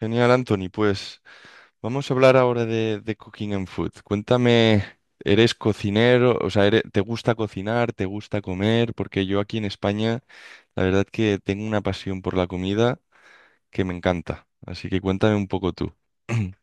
Genial, Anthony. Pues vamos a hablar ahora de cooking and food. Cuéntame, ¿eres cocinero? O sea, ¿te gusta cocinar? ¿Te gusta comer? Porque yo aquí en España, la verdad que tengo una pasión por la comida que me encanta. Así que cuéntame un poco tú.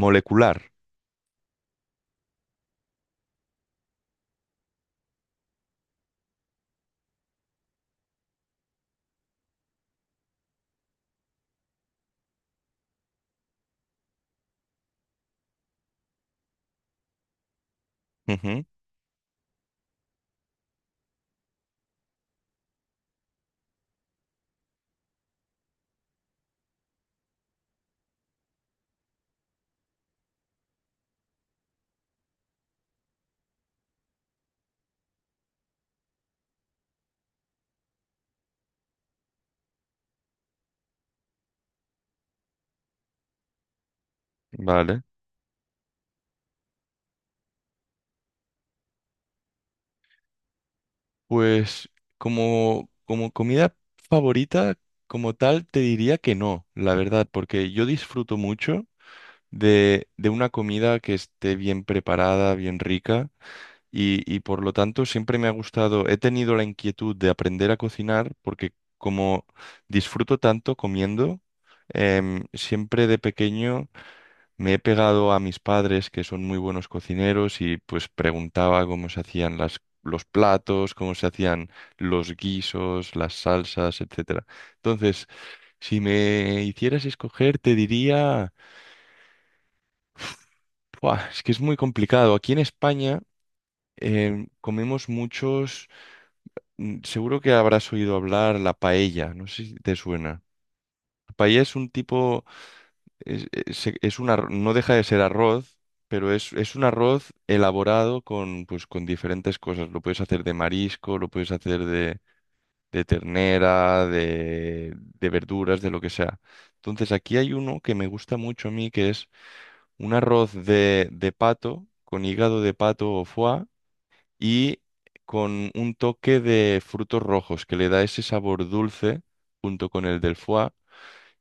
Molecular. Ujú. Vale. Pues como comida favorita, como tal, te diría que no, la verdad, porque yo disfruto mucho de una comida que esté bien preparada, bien rica. Y por lo tanto siempre me ha gustado, he tenido la inquietud de aprender a cocinar porque como disfruto tanto comiendo, siempre de pequeño me he pegado a mis padres, que son muy buenos cocineros, y pues preguntaba cómo se hacían los platos, cómo se hacían los guisos, las salsas, etcétera. Entonces, si me hicieras escoger, te diría, "Buah, es que es muy complicado. Aquí en España comemos muchos… Seguro que habrás oído hablar la paella, no sé si te suena. La paella es un tipo, es un no deja de ser arroz, pero es un arroz elaborado con, pues, con diferentes cosas. Lo puedes hacer de marisco, lo puedes hacer de ternera, de verduras, de lo que sea. Entonces aquí hay uno que me gusta mucho a mí, que es un arroz de pato, con hígado de pato o foie y con un toque de frutos rojos que le da ese sabor dulce junto con el del foie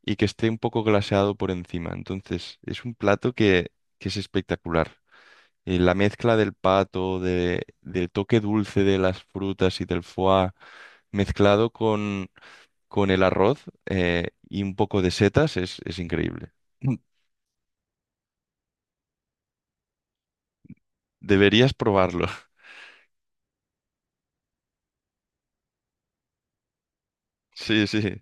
y que esté un poco glaseado por encima. Entonces, es un plato que es espectacular. Y la mezcla del pato, del toque dulce de las frutas y del foie mezclado con el arroz y un poco de setas es increíble. Deberías probarlo. Sí, sí.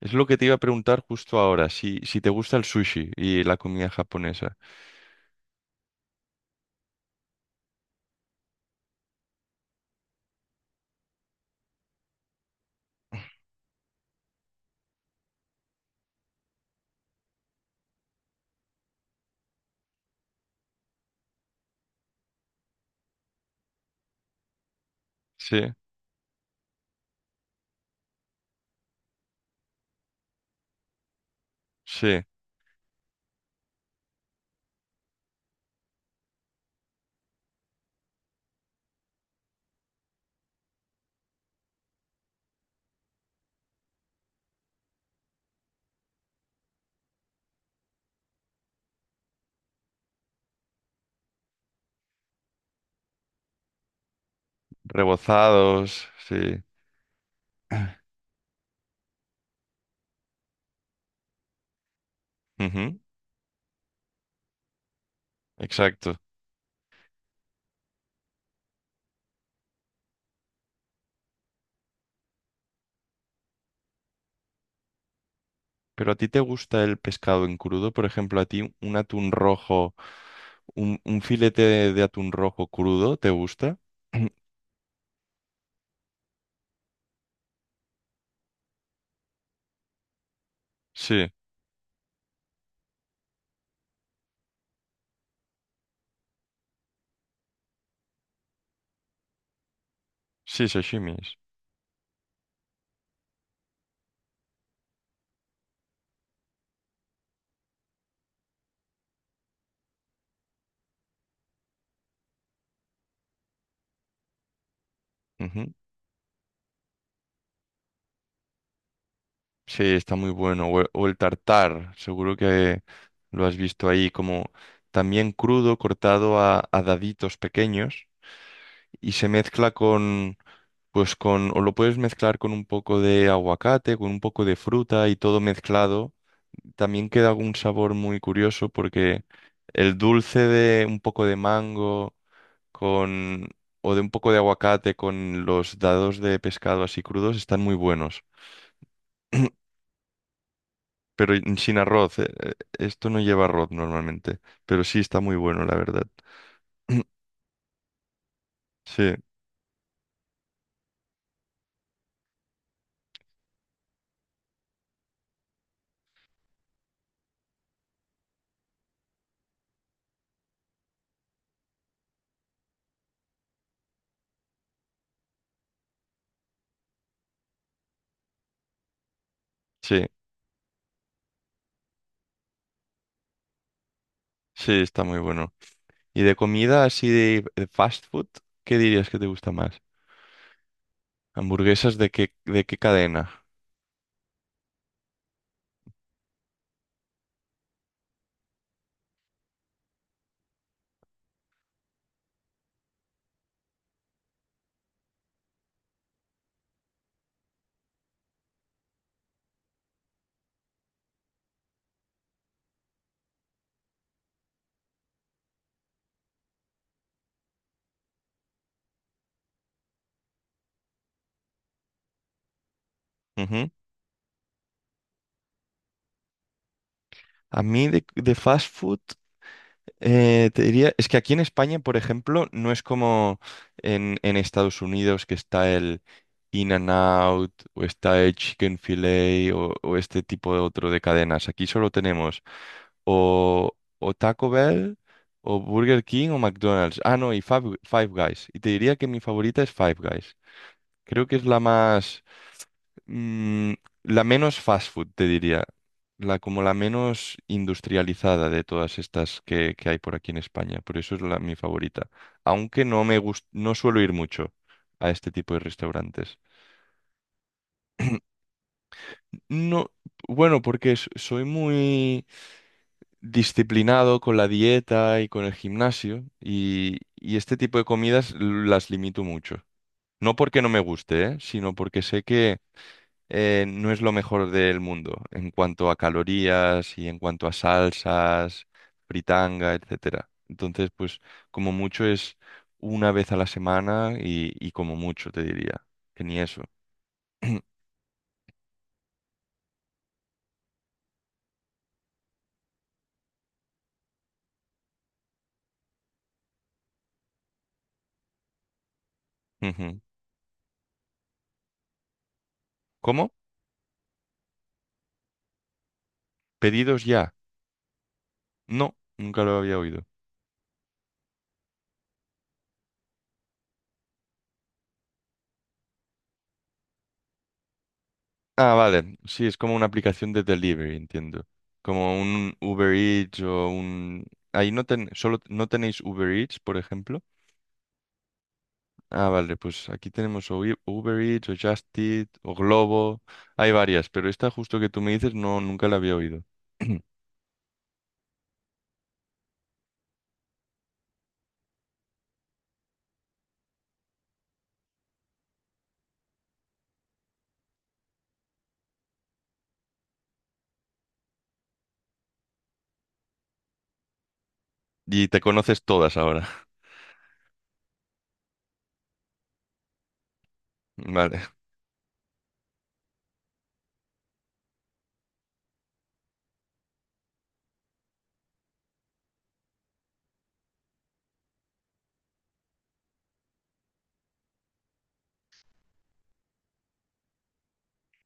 Es lo que te iba a preguntar justo ahora, si, si te gusta el sushi y la comida japonesa. Sí, sí, rebozados, sí. Ujú, exacto. Pero a ti te gusta el pescado en crudo, por ejemplo, a ti un atún rojo, un filete de atún rojo crudo, ¿te gusta? Sí, sí, sashimis. Ujú. Sí, está muy bueno. O el tartar, seguro que lo has visto ahí, como también crudo, cortado a daditos pequeños, y se mezcla con, pues con, o lo puedes mezclar con un poco de aguacate, con un poco de fruta y todo mezclado. También queda un sabor muy curioso porque el dulce de un poco de mango con, o de un poco de aguacate con los dados de pescado así crudos están muy buenos. Pero sin arroz, esto no lleva arroz normalmente, pero sí está muy bueno, la verdad. Sí, sí, sí, está muy bueno. Y de comida así de fast food, ¿qué dirías que te gusta más? ¿Hamburguesas de qué cadena? Ujú. A mí de fast food, te diría, es que aquí en España, por ejemplo, no es como en Estados Unidos, que está el in and out o está el Chicken Filet o este tipo de otro de cadenas. Aquí solo tenemos o, o Taco Bell o Burger King o McDonald's. Ah, no, y Five, Five Guys. Y te diría que mi favorita es Five Guys. Creo que es la más, mm, la menos fast food, te diría. La como la menos industrializada de todas estas que hay por aquí en España. Por eso es la, mi favorita. Aunque no me no suelo ir mucho a este tipo de restaurantes. No, bueno, porque soy muy disciplinado con la dieta y con el gimnasio, y este tipo de comidas las limito mucho. No porque no me guste, ¿eh? Sino porque sé que no es lo mejor del mundo en cuanto a calorías y en cuanto a salsas, fritanga, etcétera. Entonces, pues como mucho es una vez a la semana y como mucho te diría, que ni eso. Ujú. ¿Cómo? ¿Pedidos ya? No, nunca lo había oído. Ah, vale, sí, es como una aplicación de delivery, entiendo. Como un Uber Eats o un… Ahí no ten… solo no tenéis Uber Eats, por ejemplo. Ah, vale, pues aquí tenemos o Uber Eats, o Just Eat, o Globo. Hay varias, pero esta justo que tú me dices no, nunca la había oído. Y te conoces todas ahora. Vale.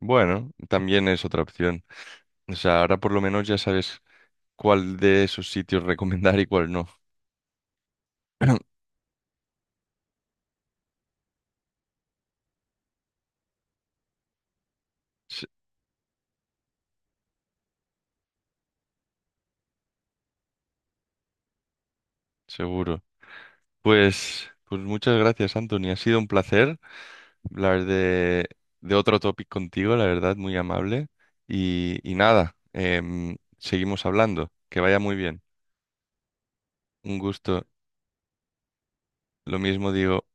Bueno, también es otra opción. O sea, ahora por lo menos ya sabes cuál de esos sitios recomendar y cuál no. Se- seguro. Pues, pues muchas gracias, Anthony. Ha sido un placer hablar de otro topic contigo, la verdad, muy amable. Y nada, seguimos hablando. Que vaya muy bien. Un gusto. Lo mismo digo.